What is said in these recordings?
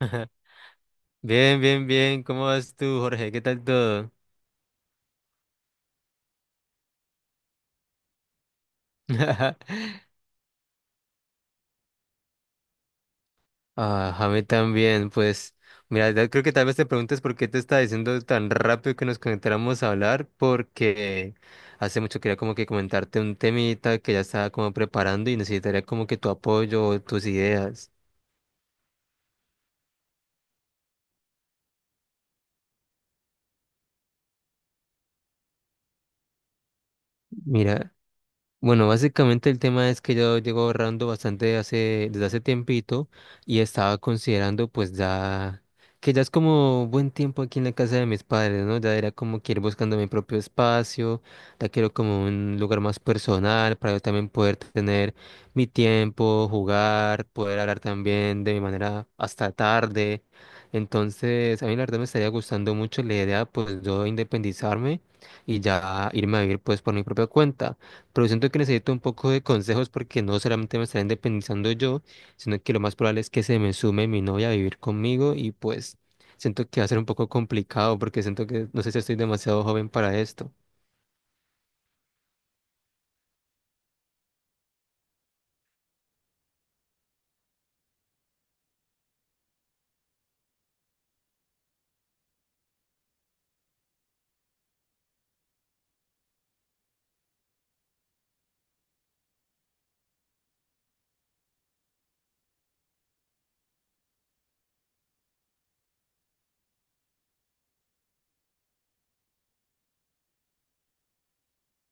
Bien, bien, bien. ¿Cómo vas tú, Jorge? ¿Qué tal todo? Ah, a mí también, pues. Mira, ya creo que tal vez te preguntes por qué te estaba diciendo tan rápido que nos conectáramos a hablar, porque hace mucho quería como que comentarte un temita que ya estaba como preparando y necesitaría como que tu apoyo o tus ideas. Mira. Bueno, básicamente el tema es que yo llevo ahorrando bastante hace, desde hace tiempito y estaba considerando pues ya que ya es como buen tiempo aquí en la casa de mis padres, ¿no? Ya era como que ir buscando mi propio espacio, ya quiero como un lugar más personal para yo también poder tener mi tiempo, jugar, poder hablar también de mi manera hasta tarde. Entonces, a mí la verdad me estaría gustando mucho la idea pues yo independizarme y ya irme a vivir pues por mi propia cuenta. Pero siento que necesito un poco de consejos porque no solamente me estaré independizando yo, sino que lo más probable es que se me sume mi novia a vivir conmigo y pues siento que va a ser un poco complicado porque siento que no sé si estoy demasiado joven para esto.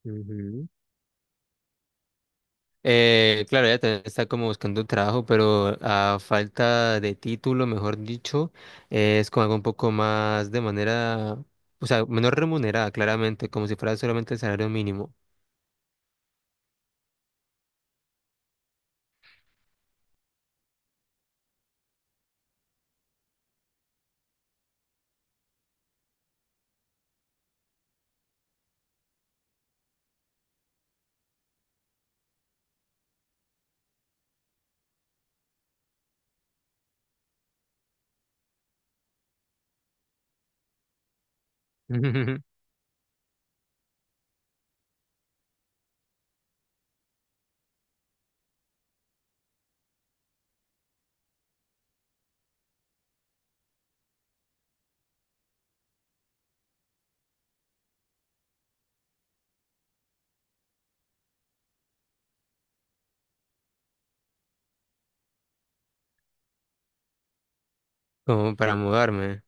Ujú. Claro, ella también está como buscando trabajo, pero a falta de título, mejor dicho, es como algo un poco más de manera, o sea, menor remunerada, claramente, como si fuera solamente el salario mínimo. Como para mudarme.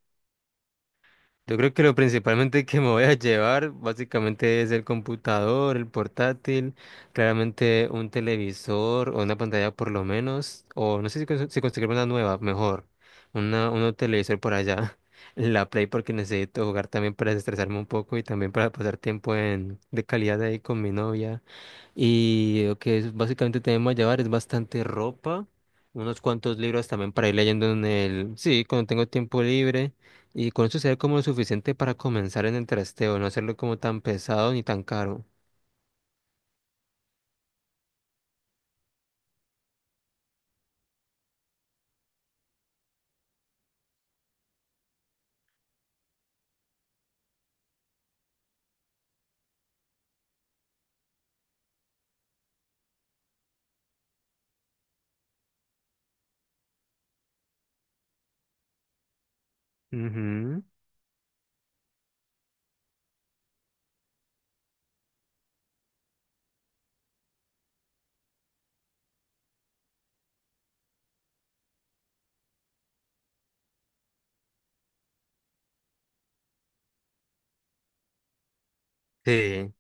Yo creo que lo principalmente que me voy a llevar básicamente es el computador, el portátil, claramente un televisor o una pantalla por lo menos, o no sé si, si conseguir una nueva, mejor, un televisor por allá, la Play porque necesito jugar también para desestresarme un poco y también para pasar tiempo en, de calidad ahí con mi novia. Y básicamente tenemos a llevar es bastante ropa, unos cuantos libros también para ir leyendo en el, sí, cuando tengo tiempo libre. Y con eso se ve como lo suficiente para comenzar en el trasteo, no hacerlo como tan pesado ni tan caro. Ujú. Sí.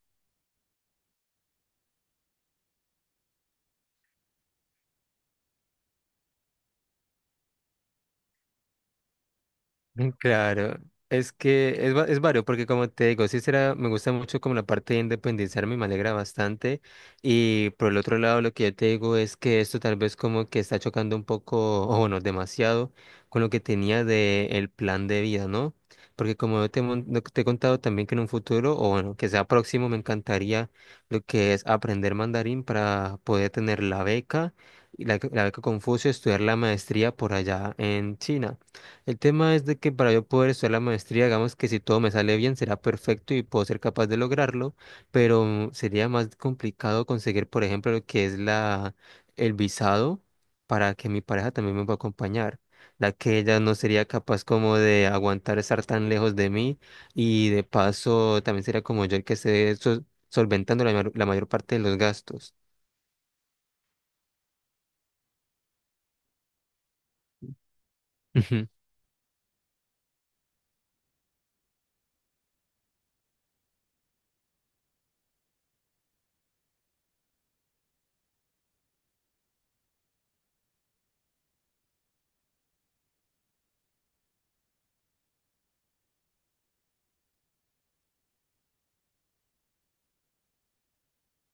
Claro, es que es vario, porque como te digo, sí será, me gusta mucho como la parte de independizarme, me alegra bastante, y por el otro lado lo que yo te digo es que esto tal vez como que está chocando un poco, o bueno, demasiado, con lo que tenía de el plan de vida, ¿no? Porque como yo lo que te he contado también que en un futuro, o bueno, que sea próximo, me encantaría lo que es aprender mandarín para poder tener la beca, y la beca Confucio, estudiar la maestría por allá en China. El tema es de que para yo poder estudiar la maestría, digamos que si todo me sale bien, será perfecto y puedo ser capaz de lograrlo, pero sería más complicado conseguir, por ejemplo, lo que es la, el visado para que mi pareja también me pueda acompañar, la que ella no sería capaz como de aguantar estar tan lejos de mí y de paso también sería como yo el que esté solventando la mayor parte de los gastos. Ujú.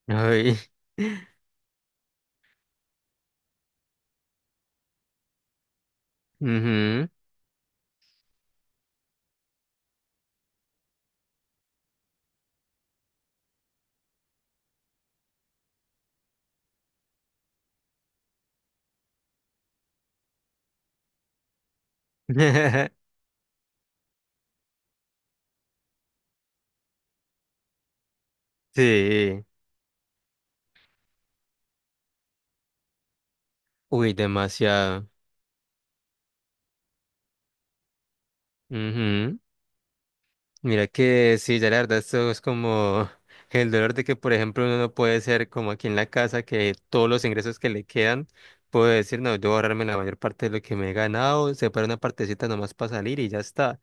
Ay. Ujú. Sí. Uy, demasiado. Ujú. Mira que sí, ya la verdad esto es como el dolor de que, por ejemplo, uno no puede ser como aquí en la casa, que todos los ingresos que le quedan, puede decir, no, yo voy a ahorrarme la mayor parte de lo que me he ganado, separo una partecita nomás para salir y ya está.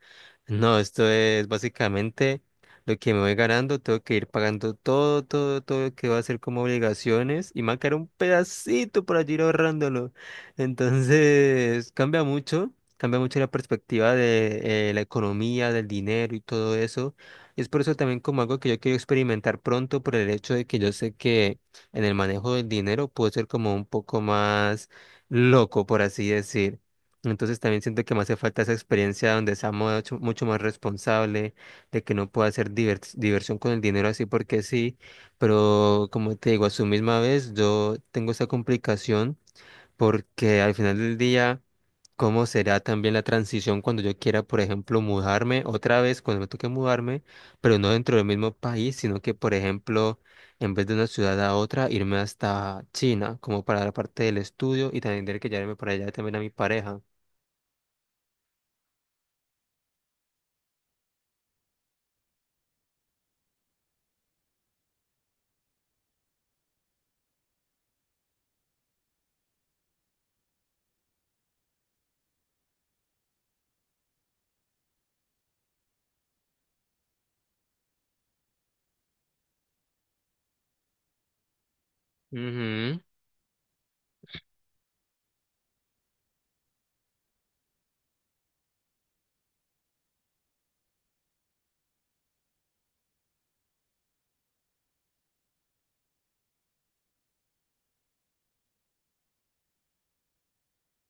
No, esto es básicamente lo que me voy ganando, tengo que ir pagando todo, todo, todo lo que va a ser como obligaciones y me va a quedar un pedacito por allí ir ahorrándolo. Entonces, cambia mucho. Cambia mucho la perspectiva de la economía, del dinero y todo eso. Y es por eso también como algo que yo quiero experimentar pronto por el hecho de que yo sé que en el manejo del dinero puedo ser como un poco más loco, por así decir. Entonces también siento que me hace falta esa experiencia donde sea mucho, mucho más responsable, de que no pueda hacer diversión con el dinero así porque sí. Pero como te digo, a su misma vez yo tengo esa complicación porque al final del día cómo será también la transición cuando yo quiera, por ejemplo, mudarme otra vez, cuando me toque mudarme, pero no dentro del mismo país, sino que, por ejemplo, en vez de una ciudad a otra, irme hasta China, como para la parte del estudio y también tener que llevarme para allá también a mi pareja. Ujú.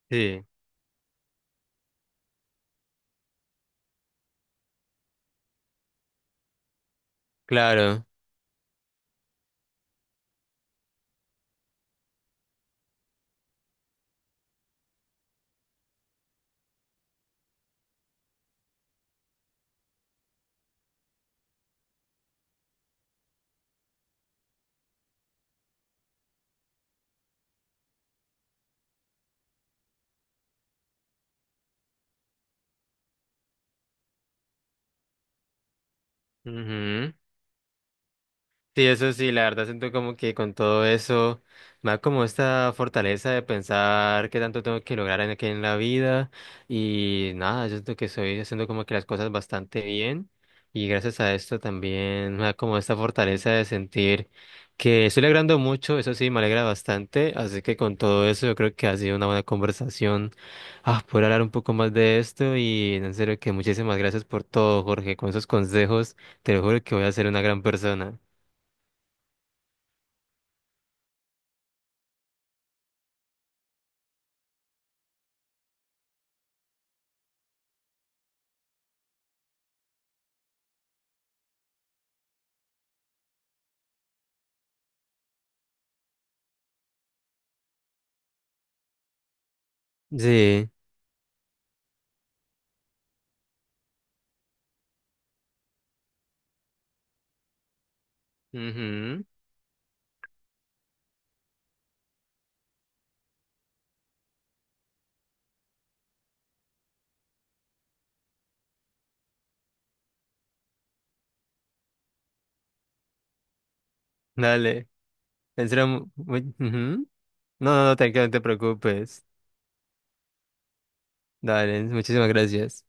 Sí, claro. Ujú. Sí, eso sí, la verdad siento como que con todo eso me da como esta fortaleza de pensar qué tanto tengo que lograr en aquí en la vida y nada, yo siento que estoy haciendo como que las cosas bastante bien y gracias a esto también me da como esta fortaleza de sentir que estoy logrando mucho, eso sí, me alegra bastante, así que con todo eso yo creo que ha sido una buena conversación, ah, poder hablar un poco más de esto y en serio que muchísimas gracias por todo, Jorge, con esos consejos, te lo juro que voy a ser una gran persona. Sí. Ujú. Dale. En serio, ujú. No, no, no, tranquilo, no te preocupes. Dale, muchísimas gracias.